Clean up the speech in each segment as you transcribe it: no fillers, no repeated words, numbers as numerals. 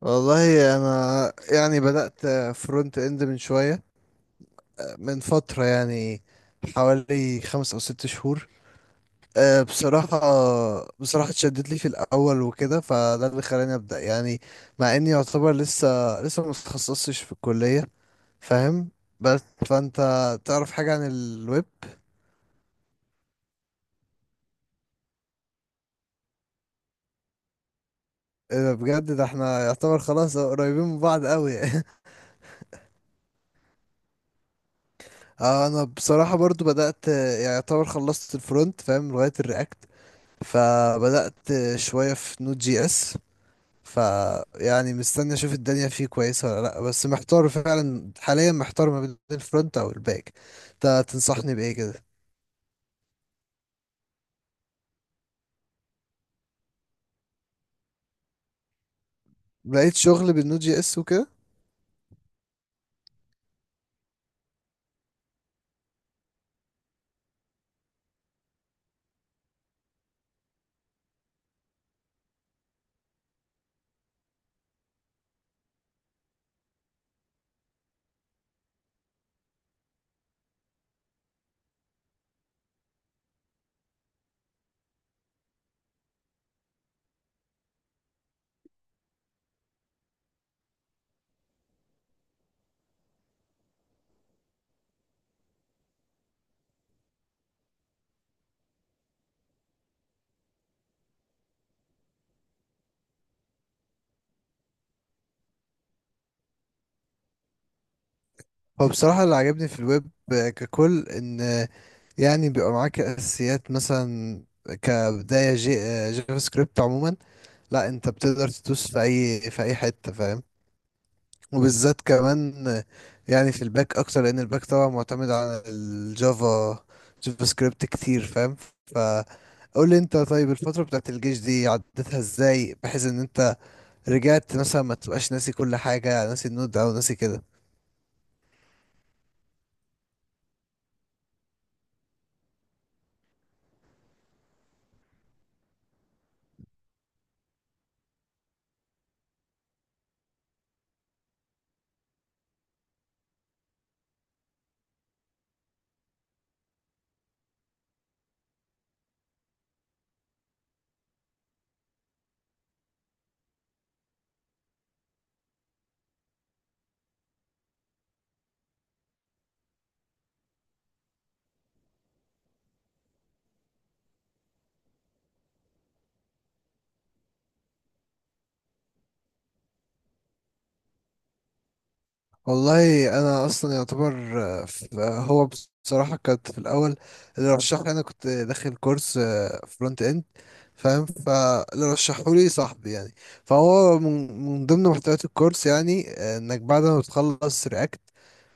والله انا يعني بدأت فرونت اند من فترة يعني حوالي 5 او 6 شهور. أه، بصراحة بصراحة اتشدت لي في الاول وكده، فده اللي خلاني ابدأ يعني. مع اني يعتبر لسه ما اتخصصتش في الكلية، فاهم؟ بس فانت تعرف حاجة عن الويب؟ إيه ده بجد، ده احنا يعتبر خلاص قريبين من بعض قوي اه، انا بصراحة برضو بدأت، يعني يعتبر خلصت الفرونت، فاهم، لغاية الرياكت، فبدأت شوية في نود جي اس. فيعني مستني اشوف الدنيا فيه كويسة ولا لا. بس محتار فعلا حاليا، محتار ما بين الفرونت او الباك. انت تنصحني بايه كده؟ لقيت شغل بالنود جي اس وكده؟ هو بصراحة اللي عجبني في الويب ككل ان يعني بيبقى معاك اساسيات، مثلا كبداية جافا سكريبت عموما، لا انت بتقدر تدوس في اي حتة، فاهم؟ وبالذات كمان يعني في الباك اكتر، لان الباك طبعا معتمد على جافا سكريبت كتير، فاهم؟ فقول لي انت، طيب الفترة بتاعت الجيش دي عدتها ازاي بحيث ان انت رجعت مثلا ما تبقاش ناسي كل حاجة، ناسي النود او ناسي كده؟ والله انا اصلا يعتبر هو بصراحة كانت في الاول، اللي رشح لي انا كنت داخل كورس فرونت اند، فاهم؟ فاللي رشحه لي صاحبي يعني. فهو من ضمن محتويات الكورس يعني، انك بعد ما بتخلص رياكت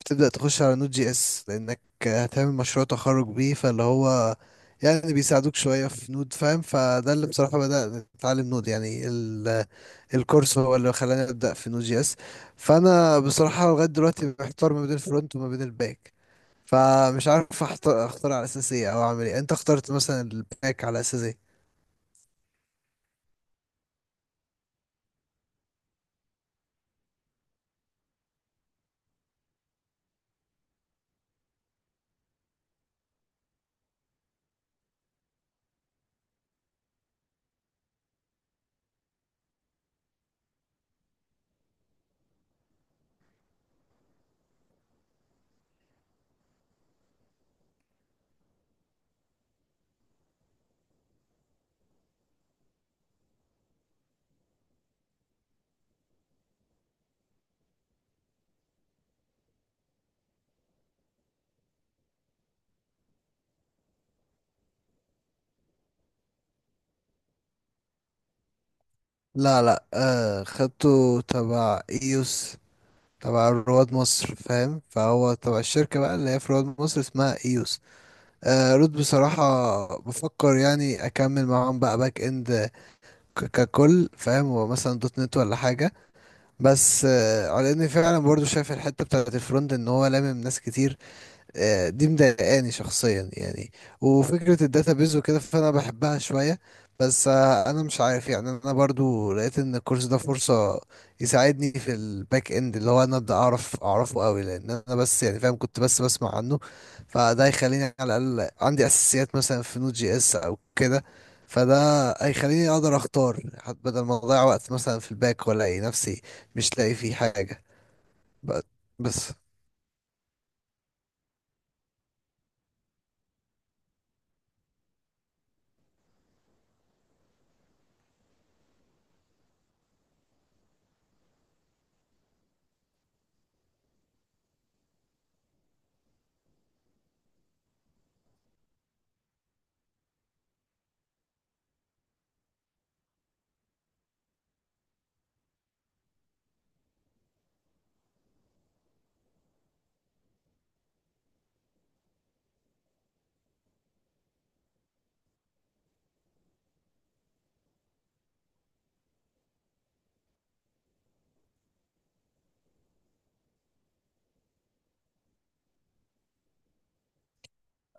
بتبدأ تخش على نوت جي اس، لانك هتعمل مشروع تخرج بيه. فاللي هو يعني بيساعدوك شوية في نود، فاهم، فده اللي بصراحة بدأت اتعلم نود يعني. الكورس هو اللي خلاني ابدأ في نود جي اس. فانا بصراحة لغاية دلوقتي محتار ما بين الفرونت وما بين الباك، فمش عارف اختار على اساس ايه، او اعمل ايه. انت اخترت مثلا الباك على اساس ايه؟ لا لا، خدته تبع ايوس، تبع رواد مصر، فاهم؟ فهو تبع الشركة بقى اللي هي في رواد مصر، اسمها ايوس. رود بصراحة، بفكر يعني اكمل معاهم بقى باك اند ككل، فاهم، ومثلا دوت نت ولا حاجة. بس على اني فعلا برضو شايف الحتة بتاعت الفرونت ان هو لامم ناس كتير، دي مضايقاني شخصيا يعني. وفكرة الداتابيز وكده فأنا بحبها شوية. بس أنا مش عارف يعني، أنا برضو لقيت إن الكورس ده فرصة يساعدني في الباك إند، اللي هو أنا أبدأ أعرفه أوي، لأن أنا بس يعني فاهم كنت بس بسمع عنه. فده هيخليني على الأقل عندي أساسيات مثلا في نوت جي إس أو كده، فده هيخليني أقدر أختار، حتى بدل ما أضيع وقت مثلا في الباك وألاقي نفسي مش لاقي فيه حاجة ب- بس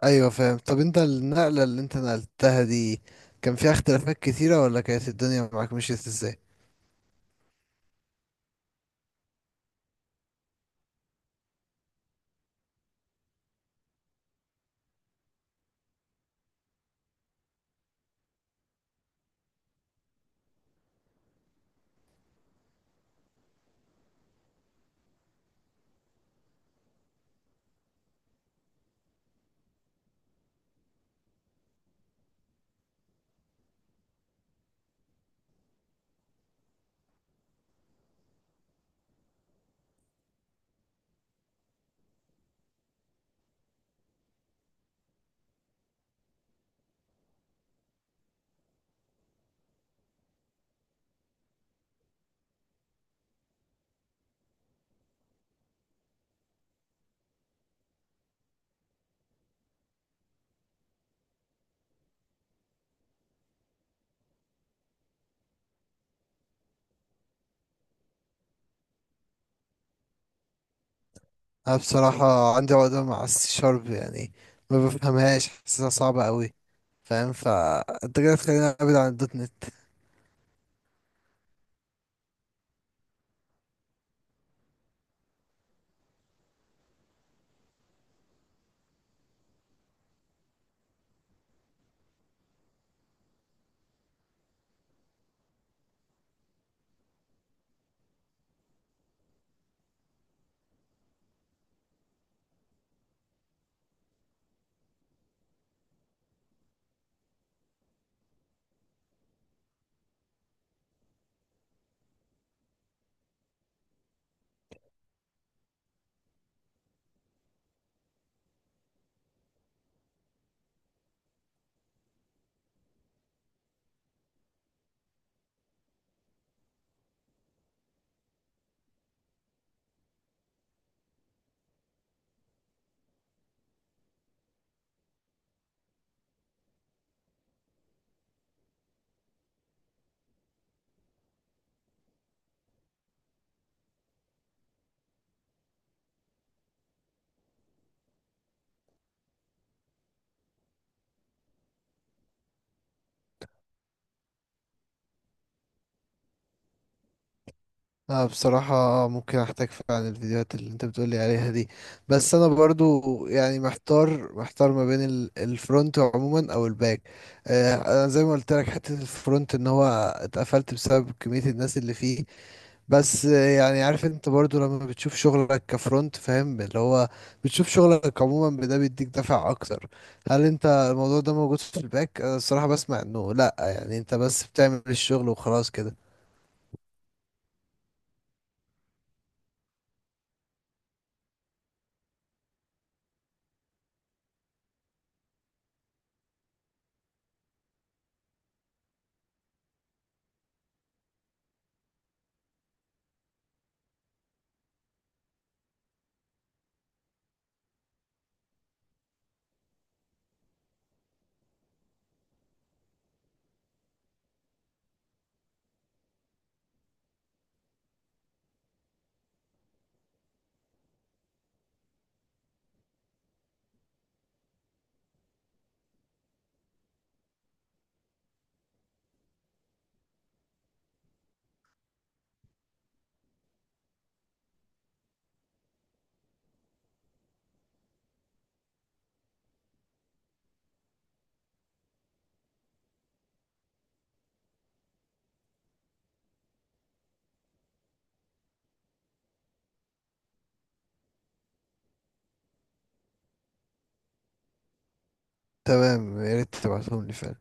ايوه فاهم. طب انت النقلة اللي انت نقلتها دي كان فيها اختلافات كتيرة، ولا كانت الدنيا معاك مشيت ازاي؟ انا بصراحة عندي عقدة مع السي شارب يعني، ما بفهمهاش، حاسسها صعبة قوي، فاهم؟ فانت كده تخليني ابعد عن الدوت نت. انا بصراحة ممكن احتاج فعلا الفيديوهات اللي انت بتقولي عليها دي، بس انا برضو يعني محتار ما بين الفرونت عموما او الباك. انا زي ما قلت لك حتة الفرونت ان هو اتقفلت بسبب كمية الناس اللي فيه. بس يعني عارف، انت برضو لما بتشوف شغلك كفرونت، فاهم، اللي هو بتشوف شغلك عموما، ده بيديك دفع اكتر. هل انت الموضوع ده موجود في الباك؟ انا الصراحة بسمع انه لا، يعني انت بس بتعمل الشغل وخلاص كده. تمام، يا ريت تبعتهم لي فعلا.